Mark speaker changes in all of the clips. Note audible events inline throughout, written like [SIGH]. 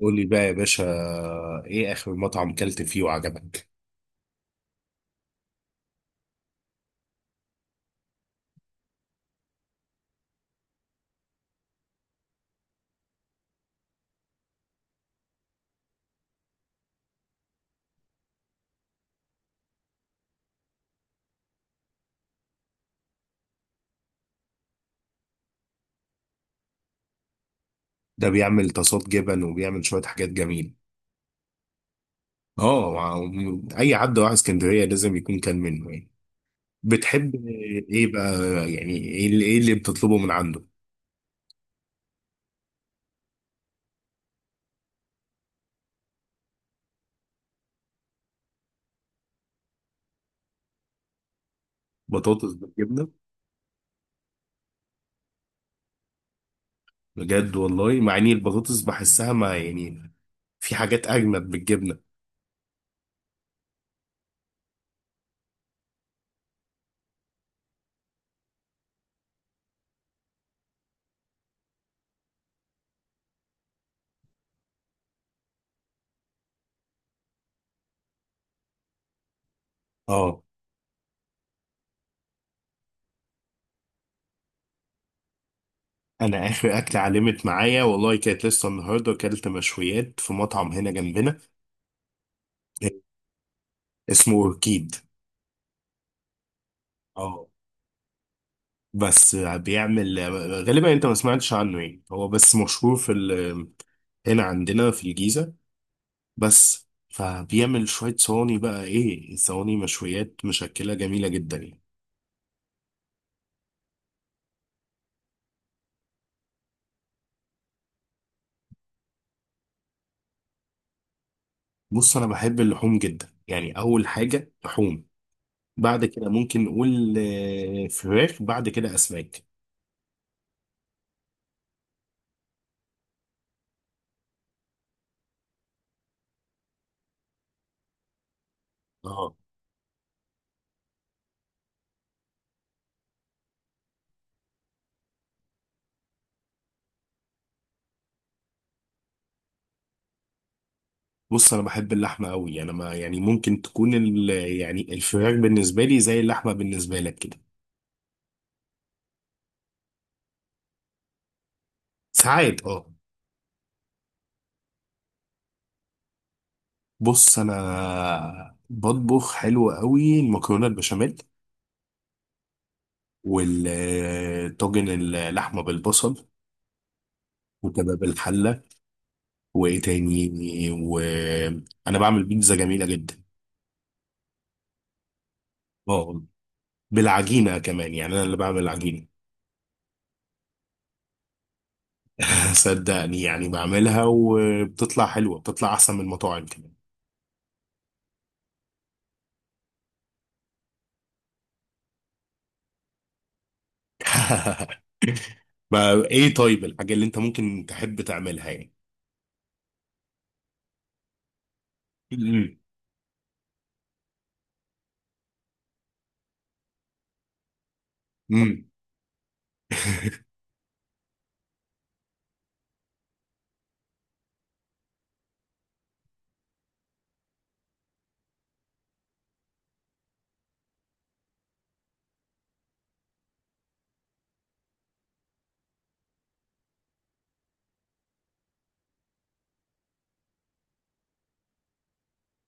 Speaker 1: قولي بقى يا باشا، ايه اخر مطعم كلت فيه وعجبك؟ ده بيعمل طاسات جبن وبيعمل شوية حاجات جميلة. اه، اي حد راح اسكندرية لازم يكون كان منه يعني. بتحب ايه بقى؟ يعني إيه اللي بتطلبه من عنده؟ بطاطس بالجبنة؟ بجد والله، مع اني البطاطس بحسها ما يعني، في حاجات اجمد بالجبنة. اه، انا اخر اكلة علمت معايا والله كانت لسه النهارده، اكلت مشويات في مطعم هنا جنبنا اسمه اوركيد. اه، بس بيعمل غالبا انت ما سمعتش عنه، يعني هو بس مشهور هنا عندنا في الجيزة. بس فبيعمل شوية صواني، بقى ايه، صواني مشويات مشكلة جميلة جدا يعني. بص، انا بحب اللحوم جدا، يعني اول حاجة لحوم، بعد كده ممكن نقول فراخ، بعد كده اسماك. اه. بص، انا بحب اللحمة قوي، انا ما يعني، ممكن تكون يعني الفراخ بالنسبة لي زي اللحمة بالنسبة لك كده. ساعات اه. بص، انا بطبخ حلو قوي، المكرونه البشاميل والطاجن، اللحمه بالبصل، وكباب الحله، وايه تاني، وانا بعمل بيتزا جميله جدا. اه، بالعجينه كمان، يعني انا اللي بعمل العجينه. [LAUGHS] صدقني يعني، بعملها وبتطلع حلوه، بتطلع احسن من المطاعم كمان. [LAUGHS] ما ايه، طيب الحاجه اللي انت ممكن تحب تعملها يعني؟ امم، أمم. [LAUGHS]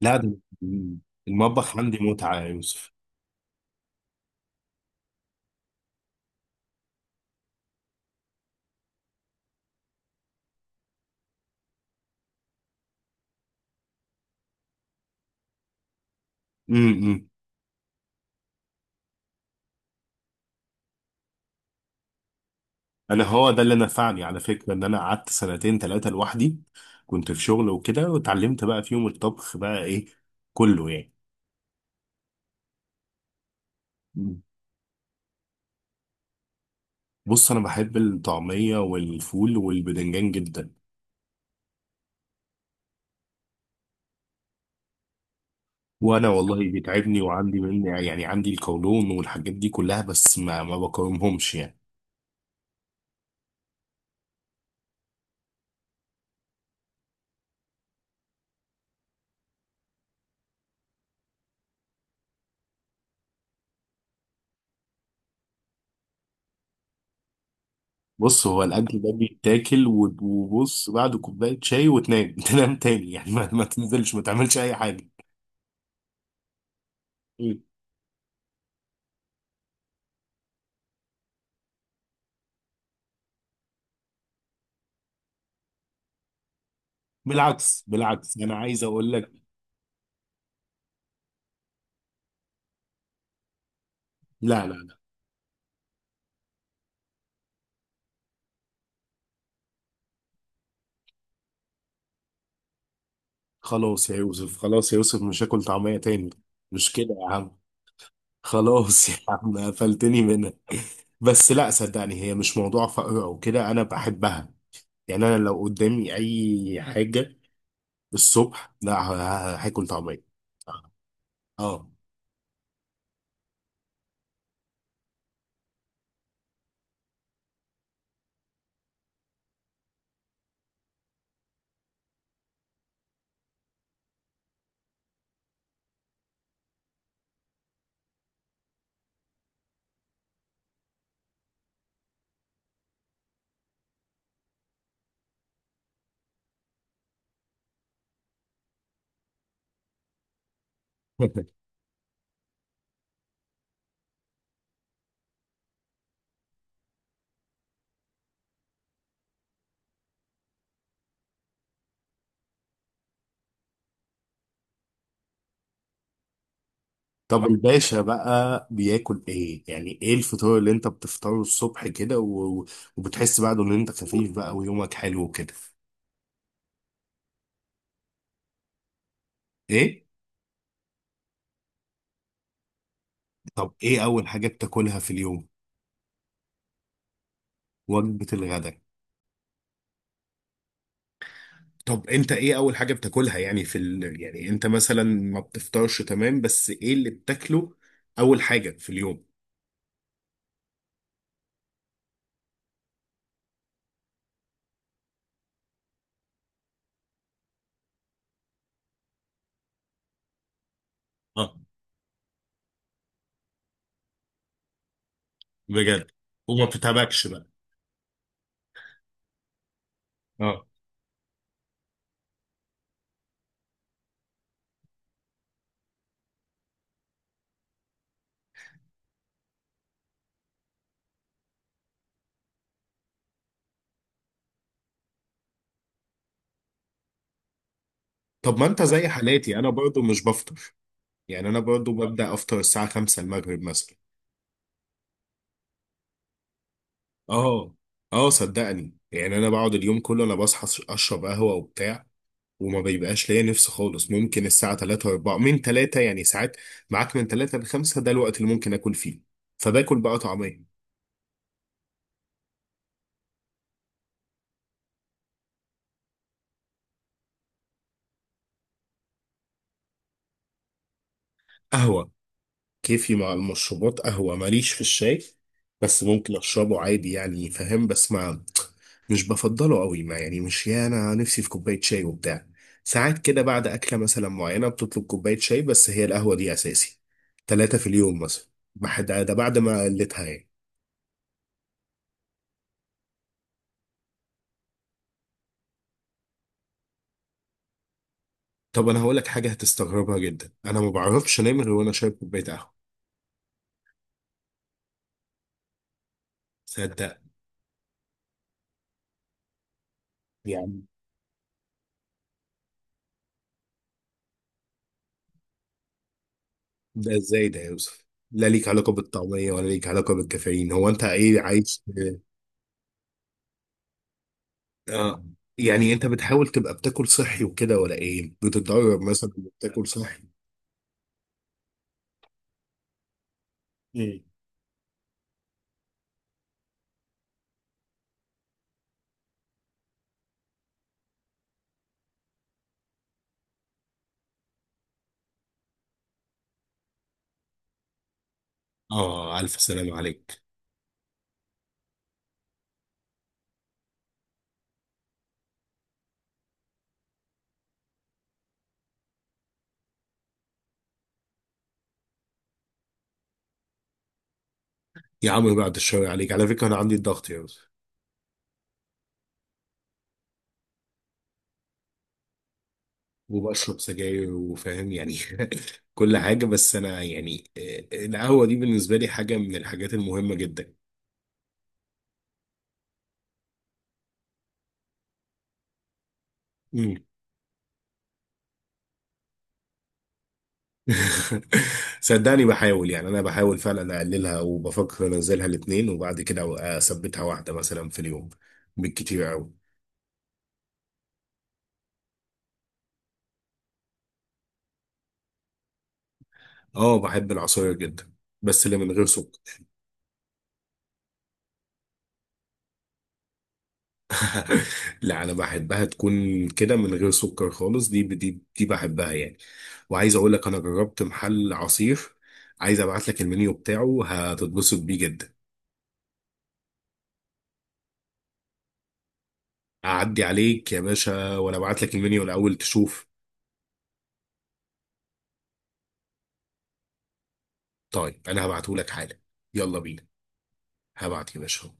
Speaker 1: لا، ده المطبخ عندي متعه يا يوسف. امم انا هو ده اللي نفعني على فكره، ان انا قعدت سنتين ثلاثه لوحدي، كنت في شغل وكده، واتعلمت بقى فيهم الطبخ بقى ايه كله يعني. مم. بص، انا بحب الطعميه والفول والبدنجان جدا. وانا والله بيتعبني، وعندي من يعني عندي القولون والحاجات دي كلها، بس ما بقاومهمش يعني. بص، هو الاكل ده بيتاكل و- وبص، بعد كوبايه شاي وتنام. [LAUGHS] تنام تاني يعني، ما تنزلش، ما تعملش اي حاجه. مم. بالعكس، بالعكس، انا عايز اقول لك. لا، لا. خلاص يا يوسف، خلاص يا يوسف، مش هاكل طعمية تاني. مش كده يا عم. خلاص. [LAUGHS] يا عم قفلتني منها. بس لا، صدقني، هي مش موضوع فقر او كده، انا بحبها. يعني انا لو قدامي اي حاجة الصبح، لا، هاكل طعمية. اه. [LAUGHS] طب الباشا بقى بياكل ايه؟ يعني ايه الفطار اللي انت بتفطره الصبح كده و... وبتحس بعده ان انت خفيف بقى ويومك حلو كده؟ ايه. طب ايه اول حاجة بتاكلها في اليوم؟ وجبة الغداء؟ طب انت ايه اول حاجة بتاكلها يعني يعني انت مثلا ما بتفطرش تمام، بس ايه اللي بتاكله اول حاجة في اليوم؟ اه، بجد؟ وما بتتعبكش بقى؟ اه. طب ما انت زي حالاتي، انا برضو مش بفطر. يعني انا برضو ببدأ افطر الساعة 5 المغرب مثلا. اه، اه، صدقني يعني، انا بقعد اليوم كله، انا بصحى اشرب قهوة وبتاع، وما بيبقاش ليا نفس خالص، ممكن الساعة 3 و4، من 3 يعني ساعات، معاك من 3 ل 5 ده الوقت اللي ممكن اكل فيه. فباكل بقى طعمية. قهوة. كيفي مع المشروبات قهوة، ماليش في الشاي، بس ممكن أشربه عادي يعني، فاهم، بس ما، مش بفضله قوي، ما يعني، مش يا أنا نفسي في كوباية شاي وبتاع. ساعات كده بعد أكلة مثلا معينة بتطلب كوباية شاي، بس هي القهوة دي أساسي، ثلاثة في اليوم مثلا. ده بعد ما قلتها يعني. طب أنا هقولك حاجة هتستغربها جدا، أنا ما بعرفش أنام غير وأنا شارب كوباية قهوة. صدق. يعني ده إزاي ده يا يوسف؟ لا ليك علاقة بالطعمية ولا ليك علاقة بالكافيين، هو أنت إيه عايش؟ اه. يعني انت بتحاول تبقى بتاكل صحي وكده ولا ايه؟ بتتدرب مثلا، بتاكل صحي؟ مم. اه، الف سلام عليك. يا عم بعد الشر عليك، على فكره انا عندي الضغط يا أستاذ. وبشرب سجاير وفاهم يعني. [LAUGHS] كل حاجه، بس انا يعني القهوه دي بالنسبه لي حاجه من الحاجات المهمه جدا. مم. [LAUGHS] صدقني بحاول، يعني انا بحاول فعلا اقللها، وبفكر انزلها الاتنين، وبعد كده اثبتها واحده مثلا في اليوم بالكتير قوي. اه، بحب العصاير جدا، بس اللي من غير سكر. [LAUGHS] لا، انا بحبها تكون كده من غير سكر خالص، دي بحبها يعني. وعايز اقول لك، انا جربت محل عصير، عايز ابعت لك المنيو بتاعه هتتبسط بيه جدا. اعدي عليك يا باشا، ولا ابعت لك المنيو الاول تشوف؟ طيب انا هبعته لك حالا. يلا بينا. هبعت يا باشا.